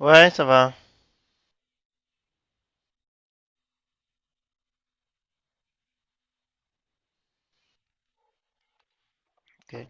Ouais, ça va. Ok.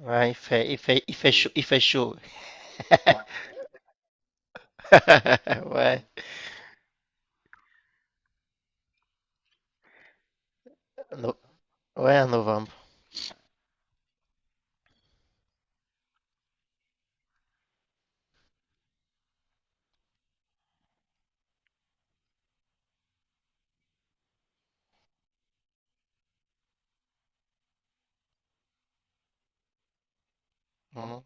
Ouais, il fait chaud, il fait chaud. Ouais, no- ouais, en novembre. Mhm.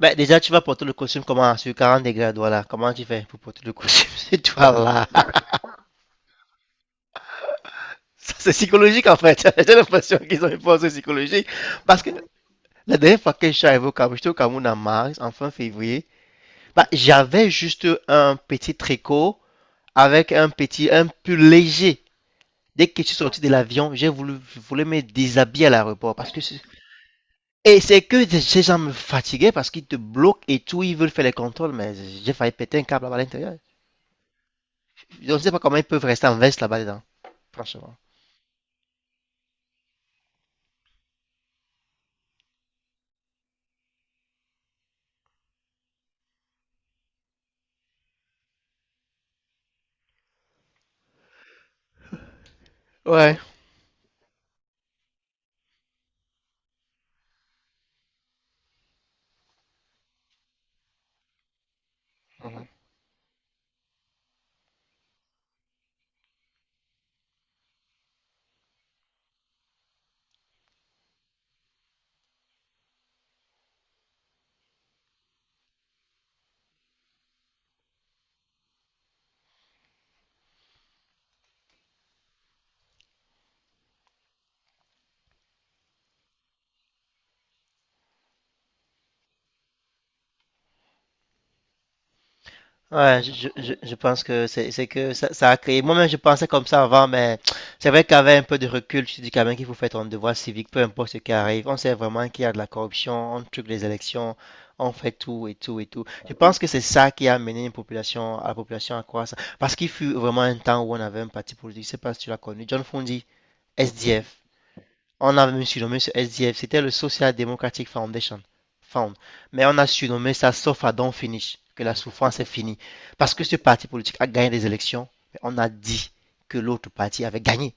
Ben, déjà, tu vas porter le costume comment? Sur 40 degrés, voilà. Comment tu fais pour porter le costume sur toi là? Ça, c'est psychologique en fait. J'ai l'impression qu'ils ont une force psychologique. Parce que la dernière fois que je suis arrivé au Cameroun, j'étais au Cameroun en mars, en fin février. Bah, j'avais juste un petit tricot avec un pull léger. Dès que je suis sorti de l'avion, j'ai voulu, je me déshabiller à l'aéroport parce que et c'est que ces gens me fatiguaient parce qu'ils te bloquent et tout, ils veulent faire les contrôles, mais j'ai failli péter un câble là-bas à l'intérieur. Je ne sais pas comment ils peuvent rester en veste là-bas dedans, franchement. Ouais. Mhm. Ouais, je pense que c'est que ça a créé. Moi-même, je pensais comme ça avant, mais c'est vrai qu'avec un peu de recul, tu te dis quand même qu'il faut faire ton devoir civique, peu importe ce qui arrive. On sait vraiment qu'il y a de la corruption, on truc les élections, on fait tout et tout et tout. Je pense que c'est ça qui a amené à la population à croire ça. Parce qu'il fut vraiment un temps où on avait un parti politique, je sais pas si tu l'as connu, John Fundi, SDF. On avait surnommé ce SDF, c'était le Social Democratic Foundation. Found. Mais on a surnommé ça sauf à Don't Finish, que la souffrance est finie. Parce que ce parti politique a gagné des élections, mais on a dit que l'autre parti avait gagné.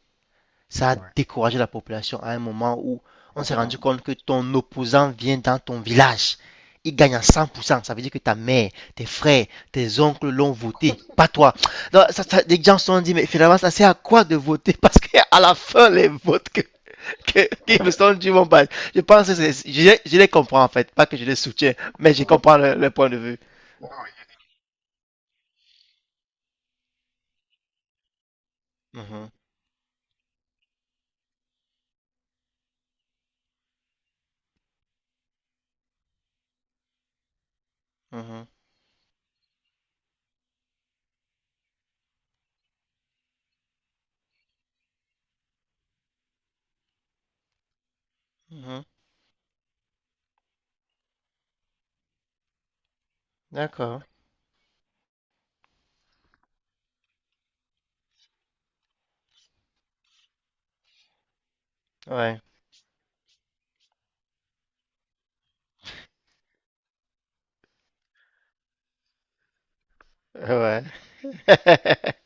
Ça a, ouais, découragé la population à un moment où on s'est rendu compte que ton opposant vient dans ton village. Il gagne à 100%. Ça veut dire que ta mère, tes frères, tes oncles l'ont voté, pas toi. Donc, les gens se sont dit, mais finalement, ça sert à quoi de voter? Parce qu'à la fin, les votes qui me sont du bon bal. Je pense que je les comprends en fait, pas que je les soutiens, mais je comprends le point de vue. Mhm, mhm, mhm. D'accord. Ouais. Ouais.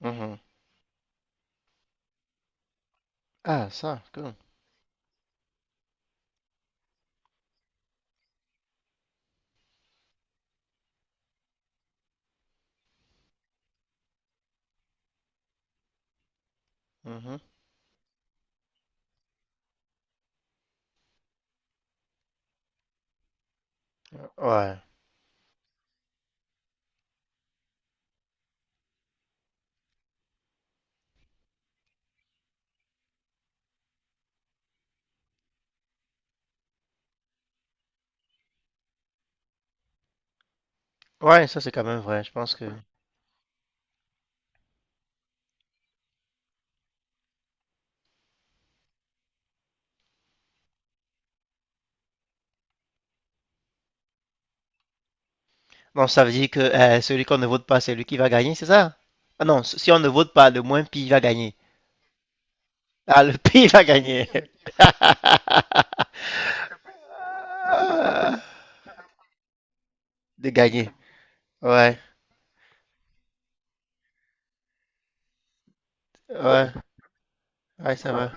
Mhm. Ah, ça, cool. Mhm. Ouais. Ouais, ça c'est quand même vrai, je pense que. Non, ça veut dire que celui qu'on ne vote pas, c'est lui qui va gagner, c'est ça? Ah non, si on ne vote pas, le moins pire va gagner. Ah, le pire va gagner. De gagner. Ouais, ouais, ouais, ça va.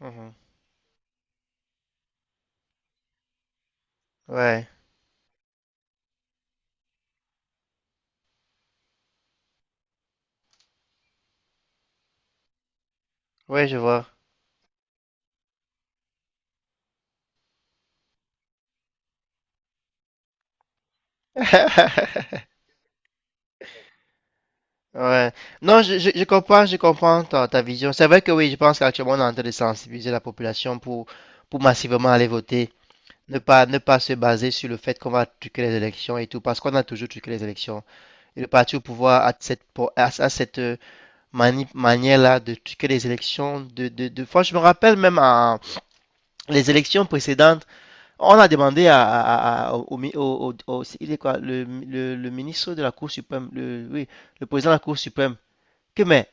Mhm. Ouais, ouais, je vois. Ouais. Non, je comprends ta vision. C'est vrai que oui, je pense qu'actuellement, on est en train de sensibiliser la population pour massivement aller voter. Ne pas se baser sur le fait qu'on va truquer les élections et tout, parce qu'on a toujours truqué les élections. Et le parti au pouvoir a cette manière-là de truquer les élections. Franchement, je me rappelle même à les élections précédentes. On a demandé il est quoi, le ministre de la Cour suprême, le, oui, le président de la Cour suprême, que mais,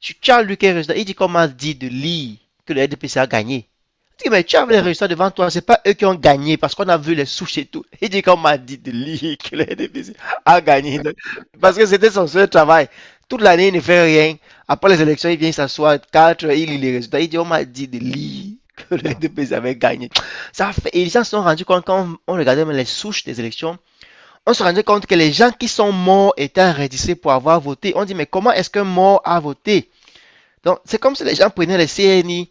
tu as. Il dit qu'on m'a dit de lire que le RDPC a gagné. Tu mais tu avais les résultats devant toi, c'est pas eux qui ont gagné parce qu'on a vu les souches et tout. Il dit qu'on m'a dit de lire que le NDPC a gagné, parce que c'était son seul travail. Toute l'année, il ne fait rien. Après les élections, il vient s'asseoir, 4, il lit les résultats. Il dit, on m'a dit de lire que le NDPC avait gagné. Ça fait, et ils s'en sont rendus compte quand on regardait les souches des élections. On se rendait compte que les gens qui sont morts étaient enregistrés pour avoir voté. On dit, mais comment est-ce qu'un mort a voté? Donc, c'est comme si les gens prenaient les CNI,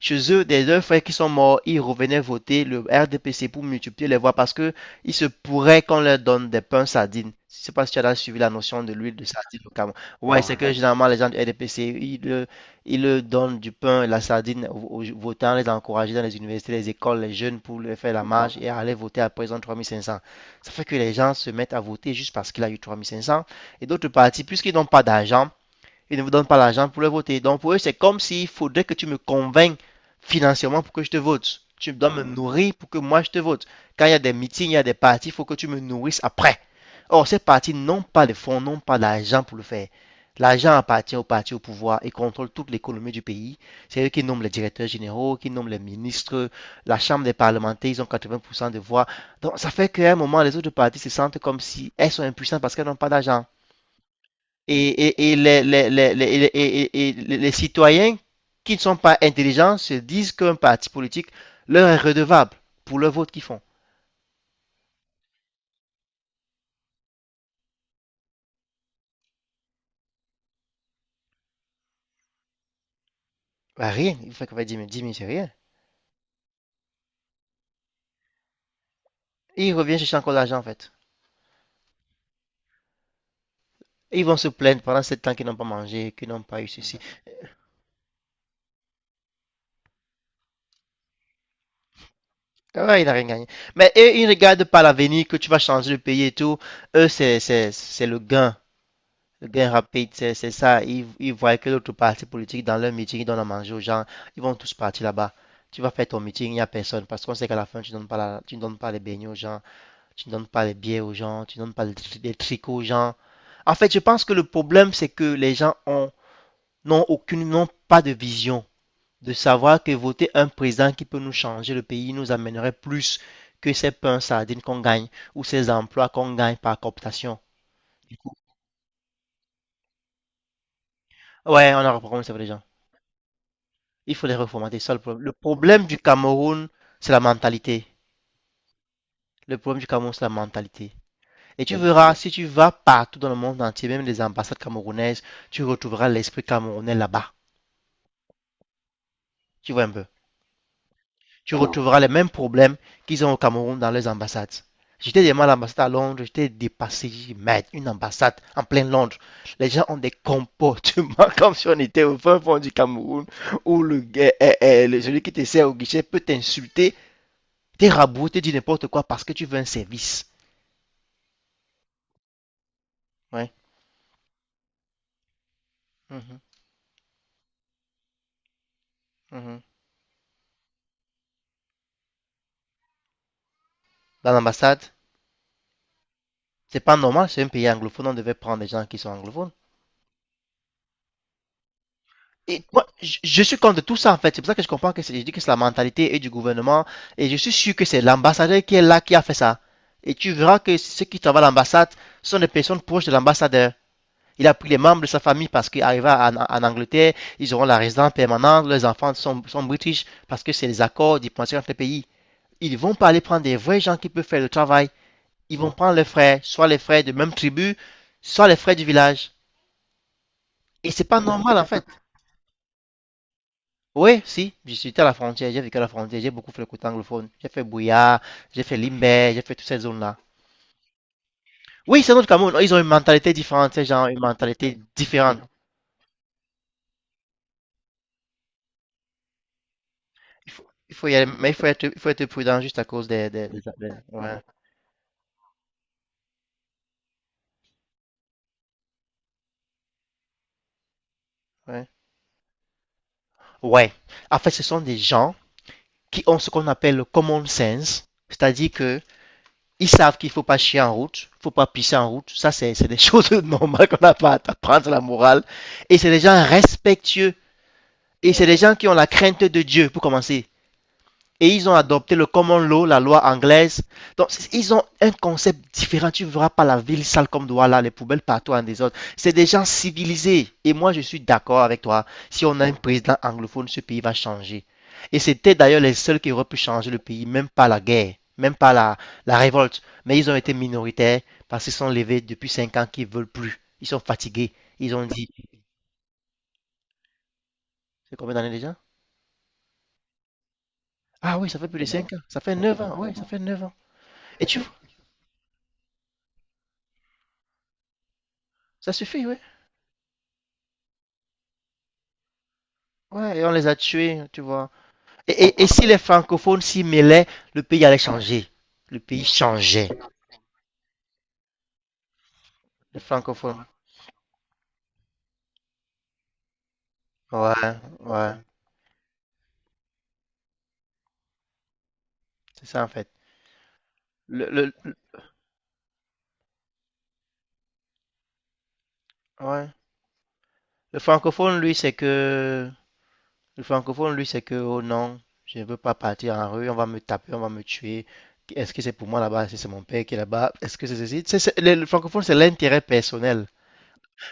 chez eux, des deux frères qui sont morts, ils revenaient voter le RDPC pour multiplier les voix parce que il se pourrait qu'on leur donne des pains sardines. Je ne sais pas si tu as déjà suivi la notion de l'huile de sardine au Cameroun. Ouais, c'est que généralement les gens du RDPC, ils leur donnent du pain et la sardine aux votants, les encourager dans les universités, les écoles, les jeunes pour leur faire la marche et aller voter à présent 3 500. Ça fait que les gens se mettent à voter juste parce qu'il a eu 3 500. Et d'autres partis, puisqu'ils n'ont pas d'argent, ils ne vous donnent pas l'argent pour le voter. Donc pour eux, c'est comme s'il faudrait que tu me convainques financièrement pour que je te vote. Tu dois me nourrir pour que moi je te vote. Quand il y a des meetings, il y a des partis, il faut que tu me nourrisses après. Or, ces partis n'ont pas de fonds, n'ont pas d'argent pour le faire. L'argent appartient aux partis au pouvoir et contrôle toute l'économie du pays. C'est eux qui nomment les directeurs généraux, qui nomment les ministres, la chambre des parlementaires, ils ont 80% de voix. Donc ça fait qu'à un moment, les autres partis se sentent comme si elles sont impuissantes parce qu'elles n'ont pas d'argent. Et les citoyens qui ne sont pas intelligents se disent qu'un parti politique leur est redevable pour le vote qu'ils font. Bah, rien, il fait qu'on va 10 000, 10 c'est rien. Et ils reviennent chercher encore de l'argent en fait. Et ils vont se plaindre pendant 7 ans qu'ils n'ont pas mangé, qu'ils n'ont pas eu ceci. Ah ouais, ils n'ont rien gagné. Mais eux, ils ne regardent pas l'avenir, que tu vas changer le pays et tout. Eux, c'est le gain. Le gain rapide, c'est ça. Ils voient que l'autre parti politique, dans leur meeting, ils donnent à manger aux gens. Ils vont tous partir là-bas. Tu vas faire ton meeting, il n'y a personne. Parce qu'on sait qu'à la fin, tu ne donnes pas tu ne donnes pas les beignets aux gens. Tu ne donnes pas les billets aux gens. Tu ne donnes pas les tricots aux gens. En fait, je pense que le problème, c'est que les gens ont, n'ont aucune, n'ont pas de vision. De savoir que voter un président qui peut nous changer le pays nous amènerait plus que ces pains sardines qu'on gagne ou ces emplois qu'on gagne par cooptation. Du coup, ouais, on a reprogrammé ça pour les gens. Il faut les reformer, c'est ça le problème. Le problème du Cameroun, c'est la mentalité. Le problème du Cameroun, c'est la mentalité. Et tu verras, si tu vas partout dans le monde entier, même les ambassades camerounaises, tu retrouveras l'esprit camerounais là-bas. Tu vois un peu. Tu retrouveras les mêmes problèmes qu'ils ont au Cameroun dans les ambassades. J'étais demain à l'ambassade à Londres, j'étais dépassé. J'ai dit, merde, une ambassade en plein Londres. Les gens ont des comportements comme si on était au fin fond du Cameroun, où le, eh, eh, le- celui qui te sert au guichet peut t'insulter. T'es rabouté, t'es dis n'importe quoi parce que tu veux un service. Ouais. Mhm, mhm. Dans l'ambassade, c'est pas normal, c'est un pays anglophone, on devait prendre des gens qui sont anglophones. Et moi, je suis contre tout ça en fait. C'est pour ça que je comprends que c'est, je dis que c'est la mentalité et du gouvernement. Et je suis sûr que c'est l'ambassadeur qui est là qui a fait ça. Et tu verras que ceux qui travaillent à l'ambassade sont des personnes proches de l'ambassadeur. Il a pris les membres de sa famille parce qu'arrivé en Angleterre, ils auront la résidence permanente, leurs enfants sont british parce que c'est les accords diplomatiques entre les pays. Ils vont pas aller prendre des vrais gens qui peuvent faire le travail. Ils vont prendre les frères, soit les frères de même tribu, soit les frères du village. Et c'est pas normal en fait. Oui, si, je suis à la frontière, j'ai vécu à la frontière, j'ai beaucoup fait le côté anglophone. J'ai fait Bouya, j'ai fait Limbé, j'ai fait toutes ces zones-là. Oui, c'est notre Cameroun, ils ont une mentalité différente, ces gens, une mentalité différente. Il faut y aller, mais il faut être prudent juste à cause des, ouais, ouais. Ouais. En fait, ce sont des gens qui ont ce qu'on appelle le common sense, c'est-à-dire que ils savent qu'il faut pas chier en route, faut pas pisser en route. Ça, c'est des choses normales qu'on n'a pas à t'apprendre la morale. Et c'est des gens respectueux. Et c'est des gens qui ont la crainte de Dieu, pour commencer et ils ont adopté le common law, la loi anglaise. Donc, ils ont un concept différent. Tu ne verras pas la ville sale comme Douala, les poubelles partout en désordre. C'est des gens civilisés. Et moi, je suis d'accord avec toi. Si on a un président anglophone, ce pays va changer. Et c'était d'ailleurs les seuls qui auraient pu changer le pays, même pas la guerre, même pas la révolte. Mais ils ont été minoritaires parce qu'ils sont levés depuis 5 ans qu'ils ne veulent plus. Ils sont fatigués. Ils ont dit, c'est combien d'années déjà? Ah oui, ça fait plus de 5 ans. Ça fait 9 ans. Oui, ça fait 9 ans. Et tu vois, ça suffit, oui. Ouais, et on les a tués, tu vois. Et et si les francophones s'y mêlaient, le pays allait changer. Le pays changeait. Les francophones. Ouais, ouais. C'est ça en fait. Le, le, le- ouais. Le francophone, lui, c'est que. Le francophone, lui, c'est que, oh non, je ne veux pas partir en rue, on va me taper, on va me tuer. Est-ce que c'est pour moi là-bas? Est-ce que c'est mon père qui est là-bas? Est-ce que c'est ceci? Le francophone, c'est l'intérêt personnel.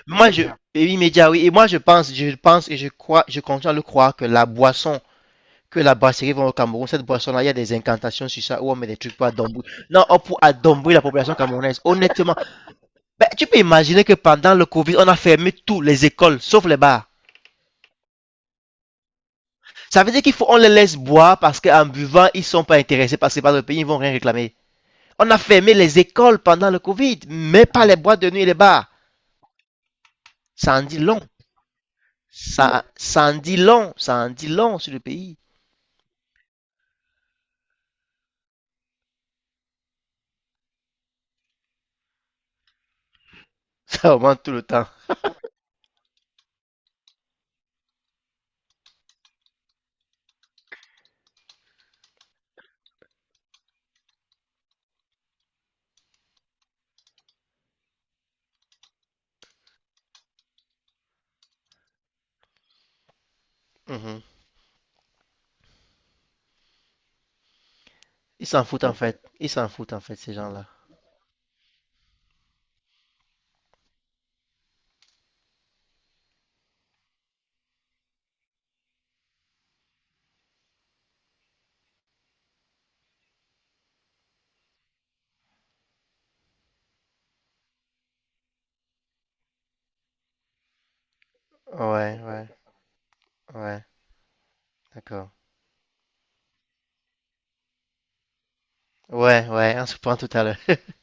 Moi, je. Et oui, média, oui. Et moi, je pense et je crois, je continue à le croire que la boisson, que la brasserie vend au Cameroun, cette boisson-là, il y a des incantations sur ça, où on met des trucs pour adombrer. Non, on pour adombrer la population camerounaise. Honnêtement, ben, tu peux imaginer que pendant le Covid, on a fermé toutes les écoles, sauf les bars. Ça veut dire qu'il faut, on les laisse boire parce qu'en buvant, ils sont pas intéressés parce que par le pays, ils vont rien réclamer. On a fermé les écoles pendant le Covid, mais pas les boîtes de nuit et les bars. Ça en dit long. Ça en dit long. Ça en dit long sur le pays. Ça augmente tout le temps. Mhm. Ils s'en foutent en fait. Ils s'en foutent en fait, ces gens-là. Ouais, ouais. Ouais, d'accord. Ouais, ouais, un sous-point total.